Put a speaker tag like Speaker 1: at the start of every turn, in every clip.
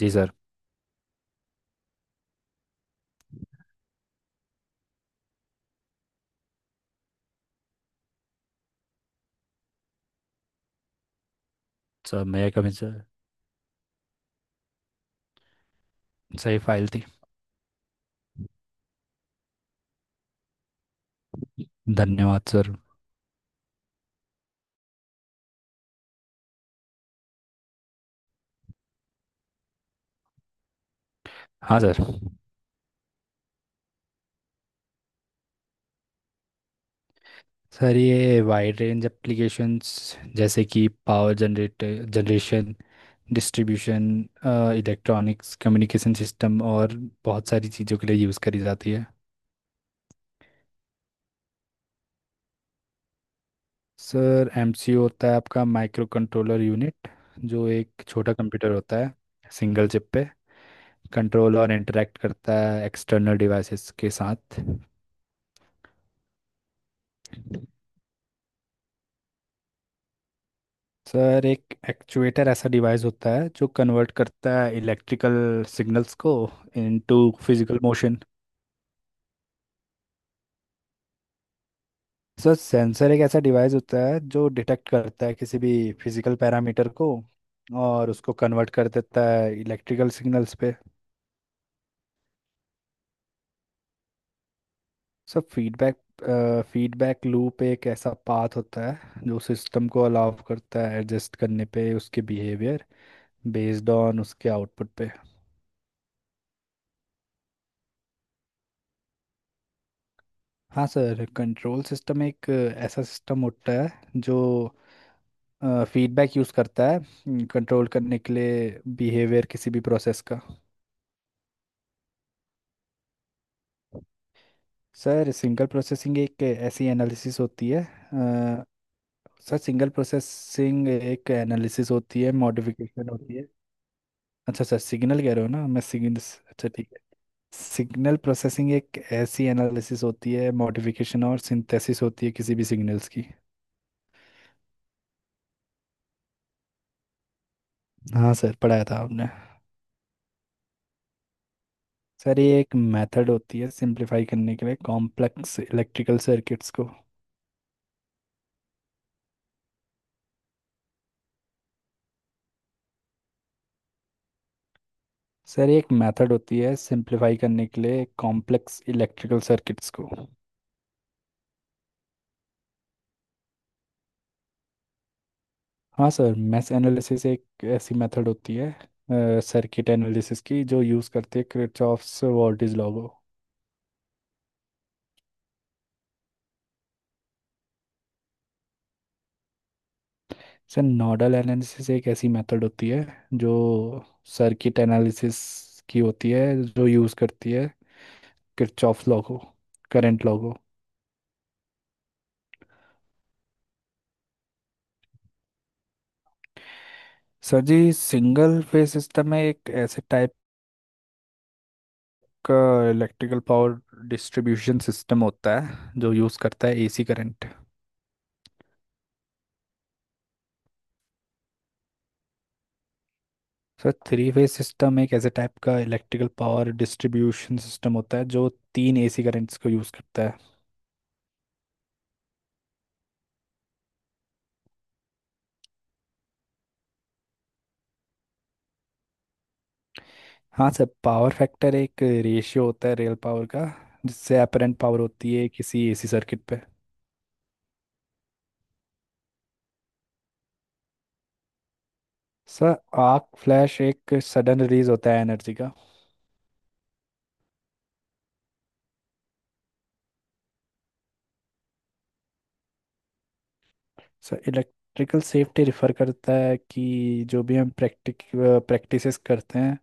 Speaker 1: जी sir. Sir मेरे कभी sir. सही फाइल थी। धन्यवाद सर। हाँ सर। सर ये वाइड रेंज एप्लीकेशंस जैसे कि power generator generation, distribution, electronics communication system और बहुत सारी चीज़ों के लिए यूज़ करी जाती है। सर एमसीयू होता है आपका माइक्रो कंट्रोलर यूनिट, जो एक छोटा कंप्यूटर होता है सिंगल चिप पे। कंट्रोल और इंटरेक्ट करता है एक्सटर्नल डिवाइसेस के साथ। सर एक एक्चुएटर ऐसा डिवाइस होता है जो कन्वर्ट करता है इलेक्ट्रिकल सिग्नल्स को into physical motion. Sir sensor एक ऐसा डिवाइस होता है जो डिटेक्ट करता है किसी भी फिजिकल पैरामीटर को, और उसको कन्वर्ट कर देता है इलेक्ट्रिकल सिग्नल्स पे। सर फीडबैक फीडबैक लूप एक ऐसा पाथ होता है जो सिस्टम को अलाउ करता है एडजस्ट करने पे उसके बिहेवियर बेस्ड ऑन उसके आउटपुट पे। हाँ सर, कंट्रोल सिस्टम एक ऐसा सिस्टम होता है जो फीडबैक यूज़ करता है कंट्रोल करने के लिए बिहेवियर किसी भी प्रोसेस का। सर सिंगल प्रोसेसिंग एक ऐसी एनालिसिस होती है सर सिंगल प्रोसेसिंग एक एनालिसिस होती है मॉडिफिकेशन होती है। अच्छा, सर सिग्नल कह रहे हो ना, मैं सिग्नल। अच्छा ठीक है। सिग्नल प्रोसेसिंग एक ऐसी एनालिसिस होती है, मॉडिफिकेशन और सिंथेसिस होती है किसी भी सिग्नल्स की। हाँ सर, पढ़ाया था आपने। सर ये एक मेथड होती है सिंप्लीफाई करने के लिए कॉम्प्लेक्स इलेक्ट्रिकल सर्किट्स को। सर ये एक मेथड होती है सिंप्लीफाई करने के लिए कॉम्प्लेक्स इलेक्ट्रिकल सर्किट्स को। हाँ सर, मैश एनालिसिस एक ऐसी मेथड होती है सर्किट एनालिसिस की जो यूज़ करते हैं किरचॉफ्स वोल्टेज लॉ को। सर नोडल एनालिसिस एक ऐसी मेथड होती है जो सर्किट एनालिसिस की होती है, जो यूज़ करती है किरचॉफ लॉ को, करंट लॉ को। सर जी, सिंगल फेज सिस्टम में एक ऐसे टाइप का इलेक्ट्रिकल पावर डिस्ट्रीब्यूशन सिस्टम होता है जो यूज़ करता है AC current. Sir three phase system एक ऐसे टाइप का इलेक्ट्रिकल पावर डिस्ट्रीब्यूशन सिस्टम होता है जो तीन एसी करंट्स को यूज़ करता है। हाँ सर, पावर फैक्टर एक रेशियो होता है रियल पावर का जिससे अपरेंट पावर होती है किसी एसी सर्किट पे। सर आर्क फ्लैश एक सडन रिलीज होता है एनर्जी का। सर इलेक्ट्रिकल सेफ्टी रिफर करता है कि जो भी हम प्रैक्टिक प्रैक्टिसेस करते हैं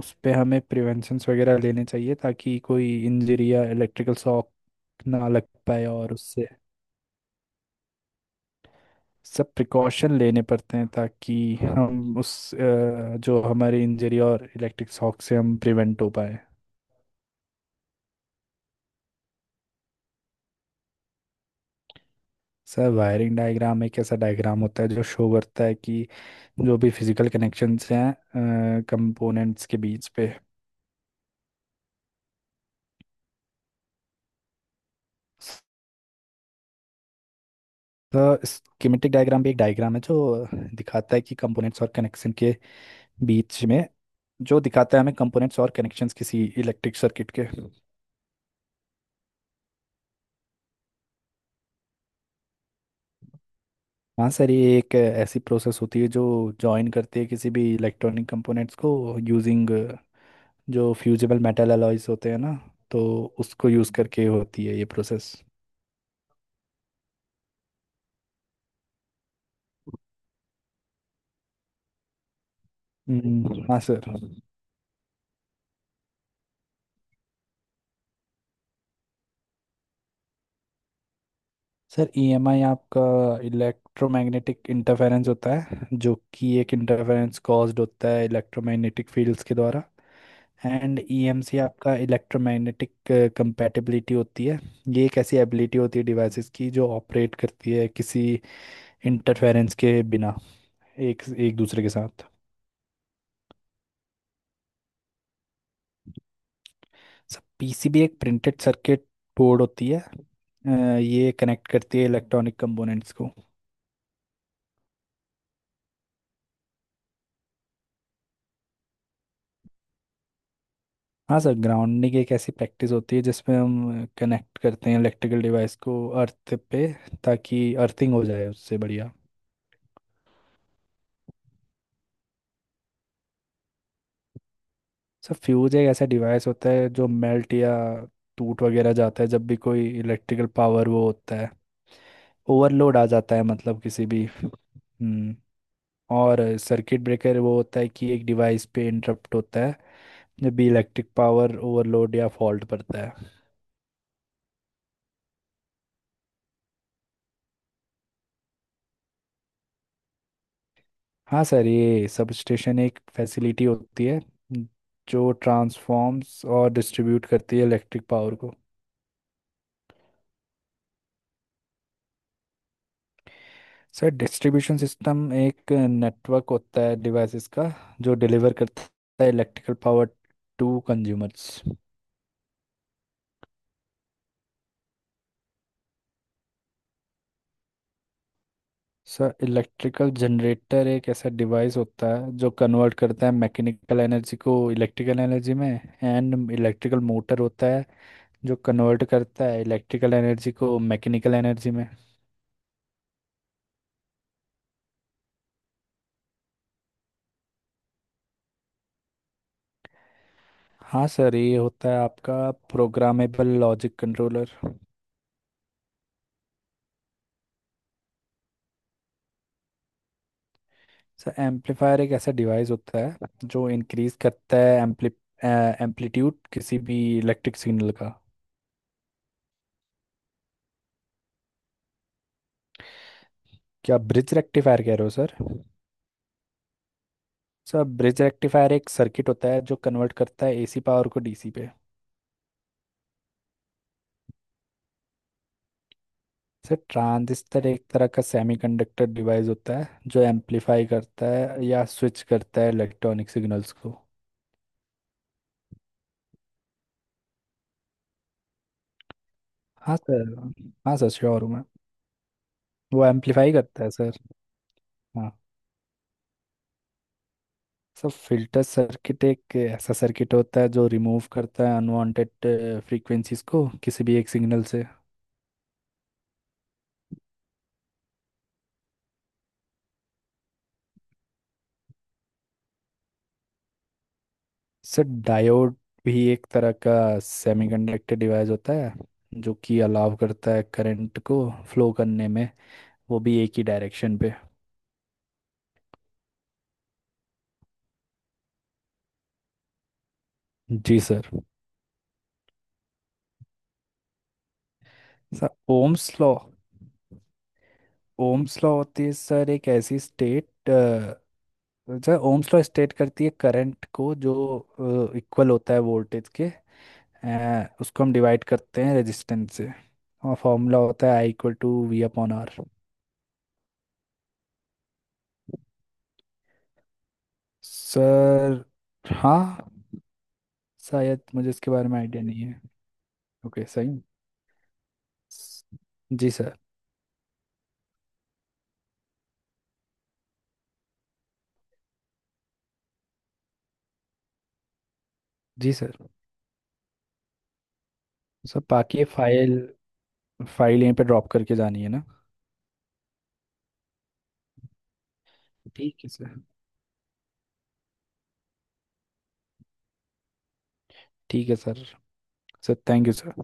Speaker 1: उस पे हमें प्रिवेंशंस वगैरह लेने चाहिए ताकि कोई इंजरी या इलेक्ट्रिकल शॉक ना लग पाए और उससे। सब प्रिकॉशन लेने पड़ते हैं ताकि हम उस जो हमारी इंजरी और इलेक्ट्रिक शॉक से हम प्रिवेंट हो पाए। सर वायरिंग डायग्राम एक ऐसा डायग्राम होता है जो शो करता है कि जो भी फिजिकल कनेक्शंस हैं कंपोनेंट्स के बीच पे। तो स्कीमेटिक डायग्राम भी एक डायग्राम है जो दिखाता है कि कंपोनेंट्स और कनेक्शन के बीच में, जो दिखाता है हमें कंपोनेंट्स और कनेक्शंस किसी इलेक्ट्रिक सर्किट के। हाँ सर, ये एक ऐसी प्रोसेस होती है जो जॉइन करती है किसी भी इलेक्ट्रॉनिक कंपोनेंट्स को यूजिंग जो फ्यूजिबल मेटल अलॉयज होते हैं ना, तो उसको यूज़ करके होती है ये प्रोसेस। हाँ सर। सर ईएमआई आपका इलेक्ट्रोमैग्नेटिक इंटरफेरेंस होता है जो कि एक इंटरफेरेंस कॉज्ड होता है इलेक्ट्रोमैग्नेटिक फील्ड्स के द्वारा। एंड ईएमसी आपका इलेक्ट्रोमैग्नेटिक कंपैटिबिलिटी होती है। ये एक ऐसी एबिलिटी होती है डिवाइसेस की जो ऑपरेट करती है किसी इंटरफेरेंस के बिना एक एक दूसरे के साथ। सर पीसीबी एक प्रिंटेड सर्किट बोर्ड होती है। ये कनेक्ट करती है इलेक्ट्रॉनिक कंपोनेंट्स को। हाँ सर, ग्राउंडिंग एक ऐसी प्रैक्टिस होती है जिसमें हम कनेक्ट करते हैं इलेक्ट्रिकल डिवाइस को अर्थ पे, ताकि अर्थिंग हो जाए उससे बढ़िया। सर फ्यूज एक ऐसा डिवाइस होता है जो मेल्ट या टूट वगैरह जाता है जब भी कोई इलेक्ट्रिकल पावर वो होता है ओवरलोड आ जाता है, मतलब किसी भी हम्म। और सर्किट ब्रेकर वो होता है कि एक डिवाइस पे इंटरप्ट होता है जब भी इलेक्ट्रिक पावर ओवरलोड या फॉल्ट पड़ता है। हाँ सर, ये सब स्टेशन एक फैसिलिटी होती है जो ट्रांसफॉर्म्स और डिस्ट्रीब्यूट करती है इलेक्ट्रिक पावर को। सर डिस्ट्रीब्यूशन सिस्टम एक नेटवर्क होता है डिवाइसेस का जो डिलीवर करता है electrical power to consumers. Sir electrical generator एक ऐसा डिवाइस होता है जो कन्वर्ट करता है मैकेनिकल एनर्जी को इलेक्ट्रिकल एनर्जी में। एंड इलेक्ट्रिकल मोटर होता है जो कन्वर्ट करता है इलेक्ट्रिकल एनर्जी को मैकेनिकल एनर्जी में। हाँ सर, ये होता है आपका programmable logic controller. Sir amplifier एक ऐसा डिवाइस होता है जो इंक्रीज करता है एम्पलीट्यूड किसी भी इलेक्ट्रिक सिग्नल का। क्या ब्रिज रेक्टिफायर कह रहे हो सर? सर ब्रिज रेक्टिफायर एक सर्किट होता है जो कन्वर्ट करता है एसी पावर को डीसी पे। सर ट्रांजिस्टर एक तरह का सेमीकंडक्टर डिवाइस होता है जो एम्पलीफाई करता है या स्विच करता है इलेक्ट्रॉनिक सिग्नल्स को। हाँ सर। हाँ सर, श्योर हूँ मैं। वो एम्पलीफाई करता है सर। हाँ। सब फिल्टर सर्किट एक ऐसा सर्किट होता है जो रिमूव करता है अनवांटेड फ्रीक्वेंसीज को किसी भी एक सिग्नल से। सर डायोड भी एक तरह का सेमीकंडक्टर डिवाइस होता है जो कि अलाव करता है करंट को फ्लो करने में, वो भी एक ही डायरेक्शन पे। जी sir. Sir Ohm's law, Ohm's law होती है सर एक ऐसी state. Sir Ohm's law state करती है करंट को जो इक्वल होता है वोल्टेज के, उसको हम डिवाइड करते हैं रेजिस्टेंस से, और फॉर्मूला होता है I equal to V upon R. Sir हाँ। शायद मुझे इसके बारे में आइडिया नहीं है। ओके सही। जी सर। जी सर। सर बाकी ये फाइल। फाइल यहीं पे ड्रॉप करके जानी है ना? ठीक है सर। ठीक है sir. Sir thank you sir.